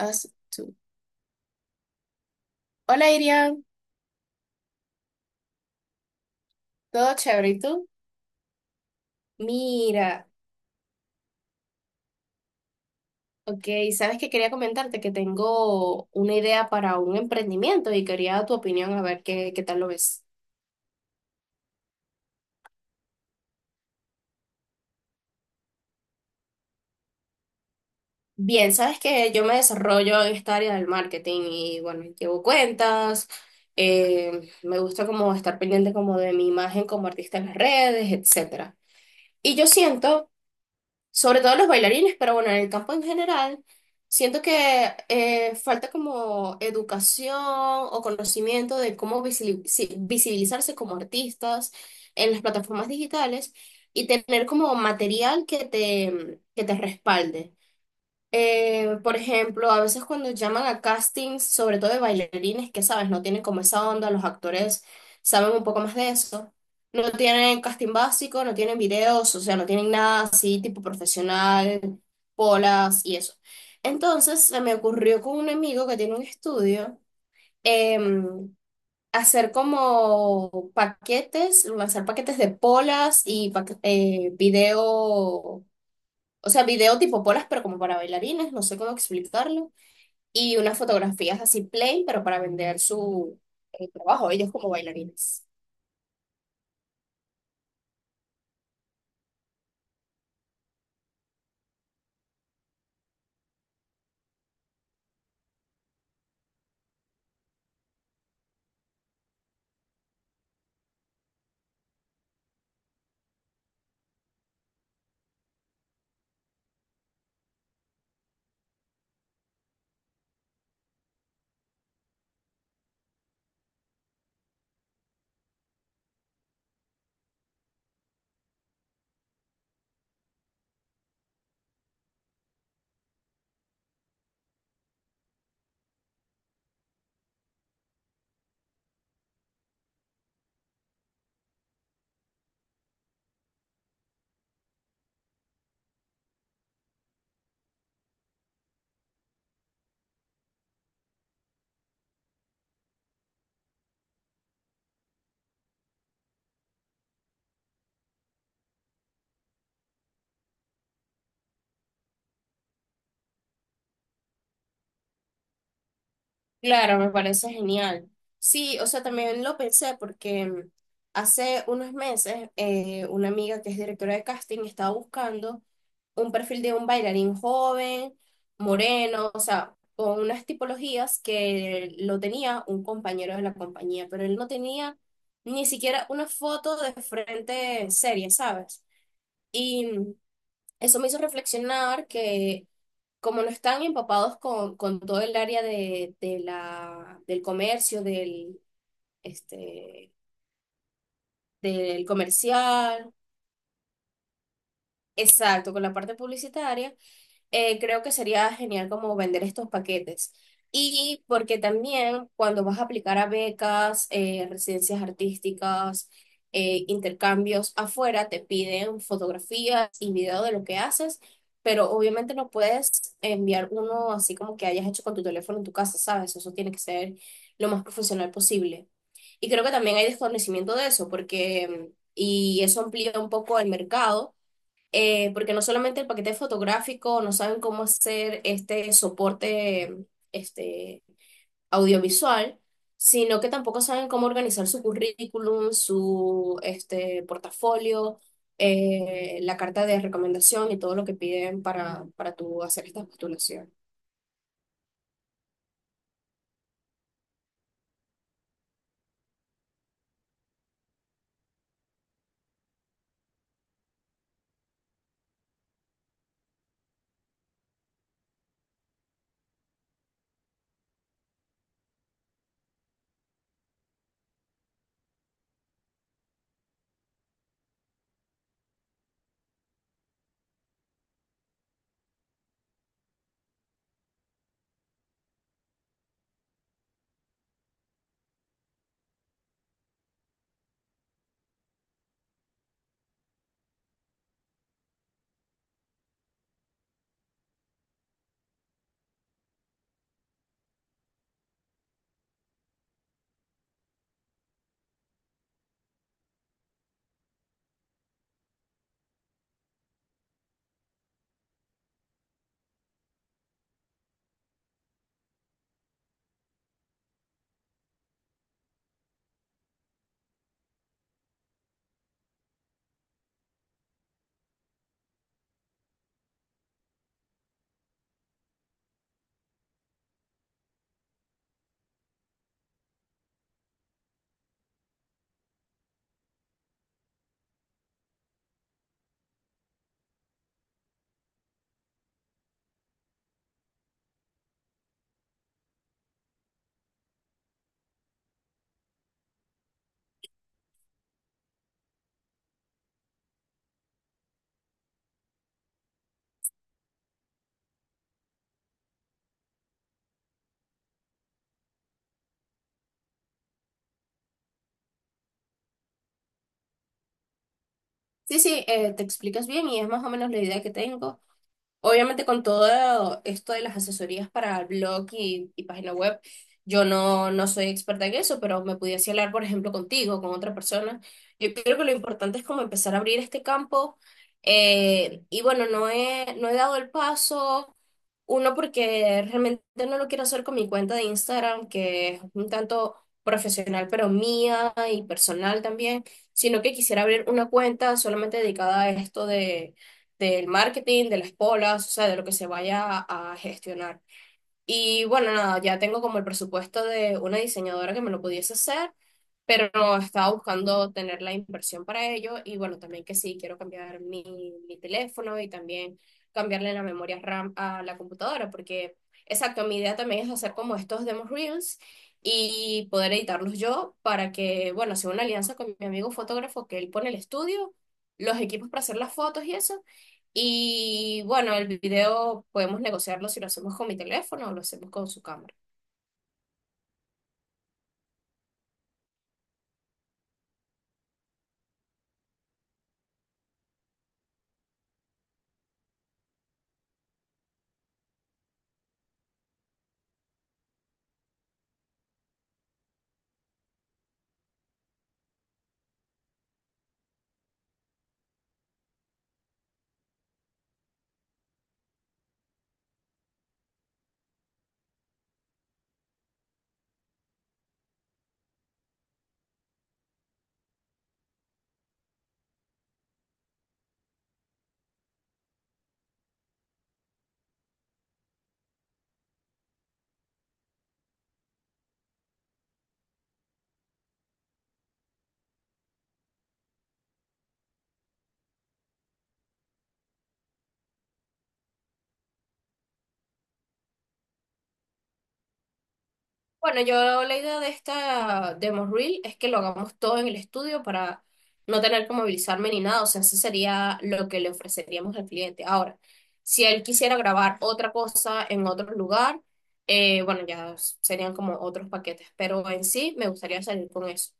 Us Two. Hola, Irian. ¿Todo chévere? ¿Y tú? Mira, ok, sabes que quería comentarte que tengo una idea para un emprendimiento y quería tu opinión a ver qué tal lo ves. Bien, sabes que yo me desarrollo en esta área del marketing y bueno, llevo cuentas, me gusta como estar pendiente como de mi imagen como artista en las redes, etcétera. Y yo siento sobre todo los bailarines, pero bueno, en el campo en general, siento que falta como educación o conocimiento de cómo visibilizarse como artistas en las plataformas digitales y tener como material que te respalde. Por ejemplo, a veces cuando llaman a castings, sobre todo de bailarines, que sabes, no tienen como esa onda, los actores saben un poco más de eso. No tienen casting básico, no tienen videos, o sea, no tienen nada así tipo profesional, polas y eso. Entonces se me ocurrió con un amigo que tiene un estudio em, hacer como paquetes, lanzar paquetes de polas y video, o sea, video tipo polas, pero como para bailarines, no sé cómo explicarlo. Y unas fotografías así plain, pero para vender su trabajo, ellos como bailarines. Claro, me parece genial. Sí, o sea, también lo pensé porque hace unos meses una amiga que es directora de casting estaba buscando un perfil de un bailarín joven, moreno, o sea, con unas tipologías que lo tenía un compañero de la compañía, pero él no tenía ni siquiera una foto de frente seria, ¿sabes? Y eso me hizo reflexionar que como no están empapados con todo el área del comercio, del, este, del comercial, exacto, con la parte publicitaria, creo que sería genial como vender estos paquetes. Y porque también cuando vas a aplicar a becas, residencias artísticas, intercambios afuera, te piden fotografías y video de lo que haces, pero obviamente no puedes enviar uno así como que hayas hecho con tu teléfono en tu casa, ¿sabes? Eso tiene que ser lo más profesional posible. Y creo que también hay desconocimiento de eso, porque, y eso amplía un poco el mercado, porque no solamente el paquete fotográfico, no saben cómo hacer este soporte, este, audiovisual, sino que tampoco saben cómo organizar su currículum, su este, portafolio, la carta de recomendación y todo lo que piden para tú hacer esta postulación. Sí, sí, te explicas bien y es más o menos la idea que tengo. Obviamente con todo esto de las asesorías para blog y página web, yo no, no soy experta en eso, pero me pudiese hablar, por ejemplo, contigo, con otra persona. Yo creo que lo importante es como empezar a abrir este campo. Y bueno, no he dado el paso, uno porque realmente no lo quiero hacer con mi cuenta de Instagram, que es un tanto profesional, pero mía y personal también, sino que quisiera abrir una cuenta solamente dedicada a esto del marketing, de las polas, o sea, de lo que se vaya a gestionar. Y bueno, nada, ya tengo como el presupuesto de una diseñadora que me lo pudiese hacer, pero no estaba buscando tener la inversión para ello. Y bueno, también que sí, quiero cambiar mi teléfono y también cambiarle la memoria RAM a la computadora, porque exacto, mi idea también es hacer como estos demos reels y poder editarlos yo para que, bueno, hacer una alianza con mi amigo fotógrafo que él pone el estudio, los equipos para hacer las fotos y eso, y bueno, el video podemos negociarlo si lo hacemos con mi teléfono o lo hacemos con su cámara. Bueno, yo la idea de esta demo reel es que lo hagamos todo en el estudio para no tener que movilizarme ni nada. O sea, eso sería lo que le ofreceríamos al cliente. Ahora, si él quisiera grabar otra cosa en otro lugar, bueno, ya serían como otros paquetes. Pero en sí, me gustaría salir con eso.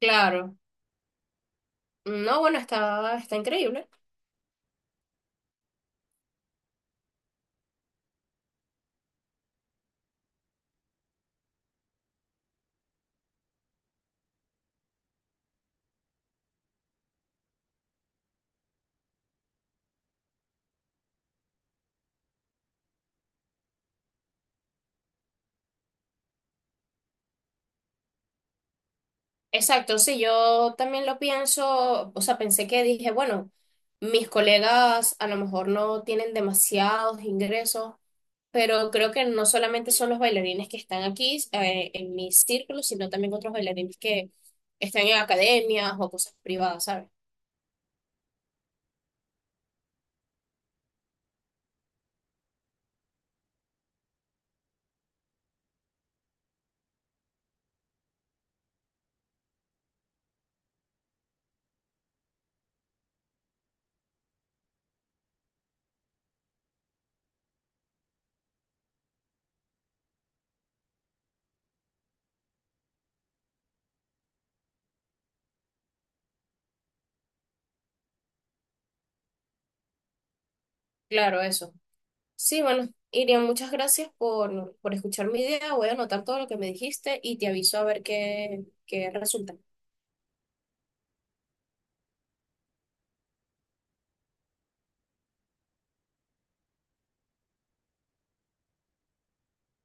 Claro. No, bueno, está increíble. Exacto, sí, yo también lo pienso, o sea, pensé que dije, bueno, mis colegas a lo mejor no tienen demasiados ingresos, pero creo que no solamente son los bailarines que están aquí, en mi círculo, sino también otros bailarines que están en academias o cosas privadas, ¿sabes? Claro, eso. Sí, bueno, Irian, muchas gracias por escuchar mi idea, voy a anotar todo lo que me dijiste y te aviso a ver qué resulta.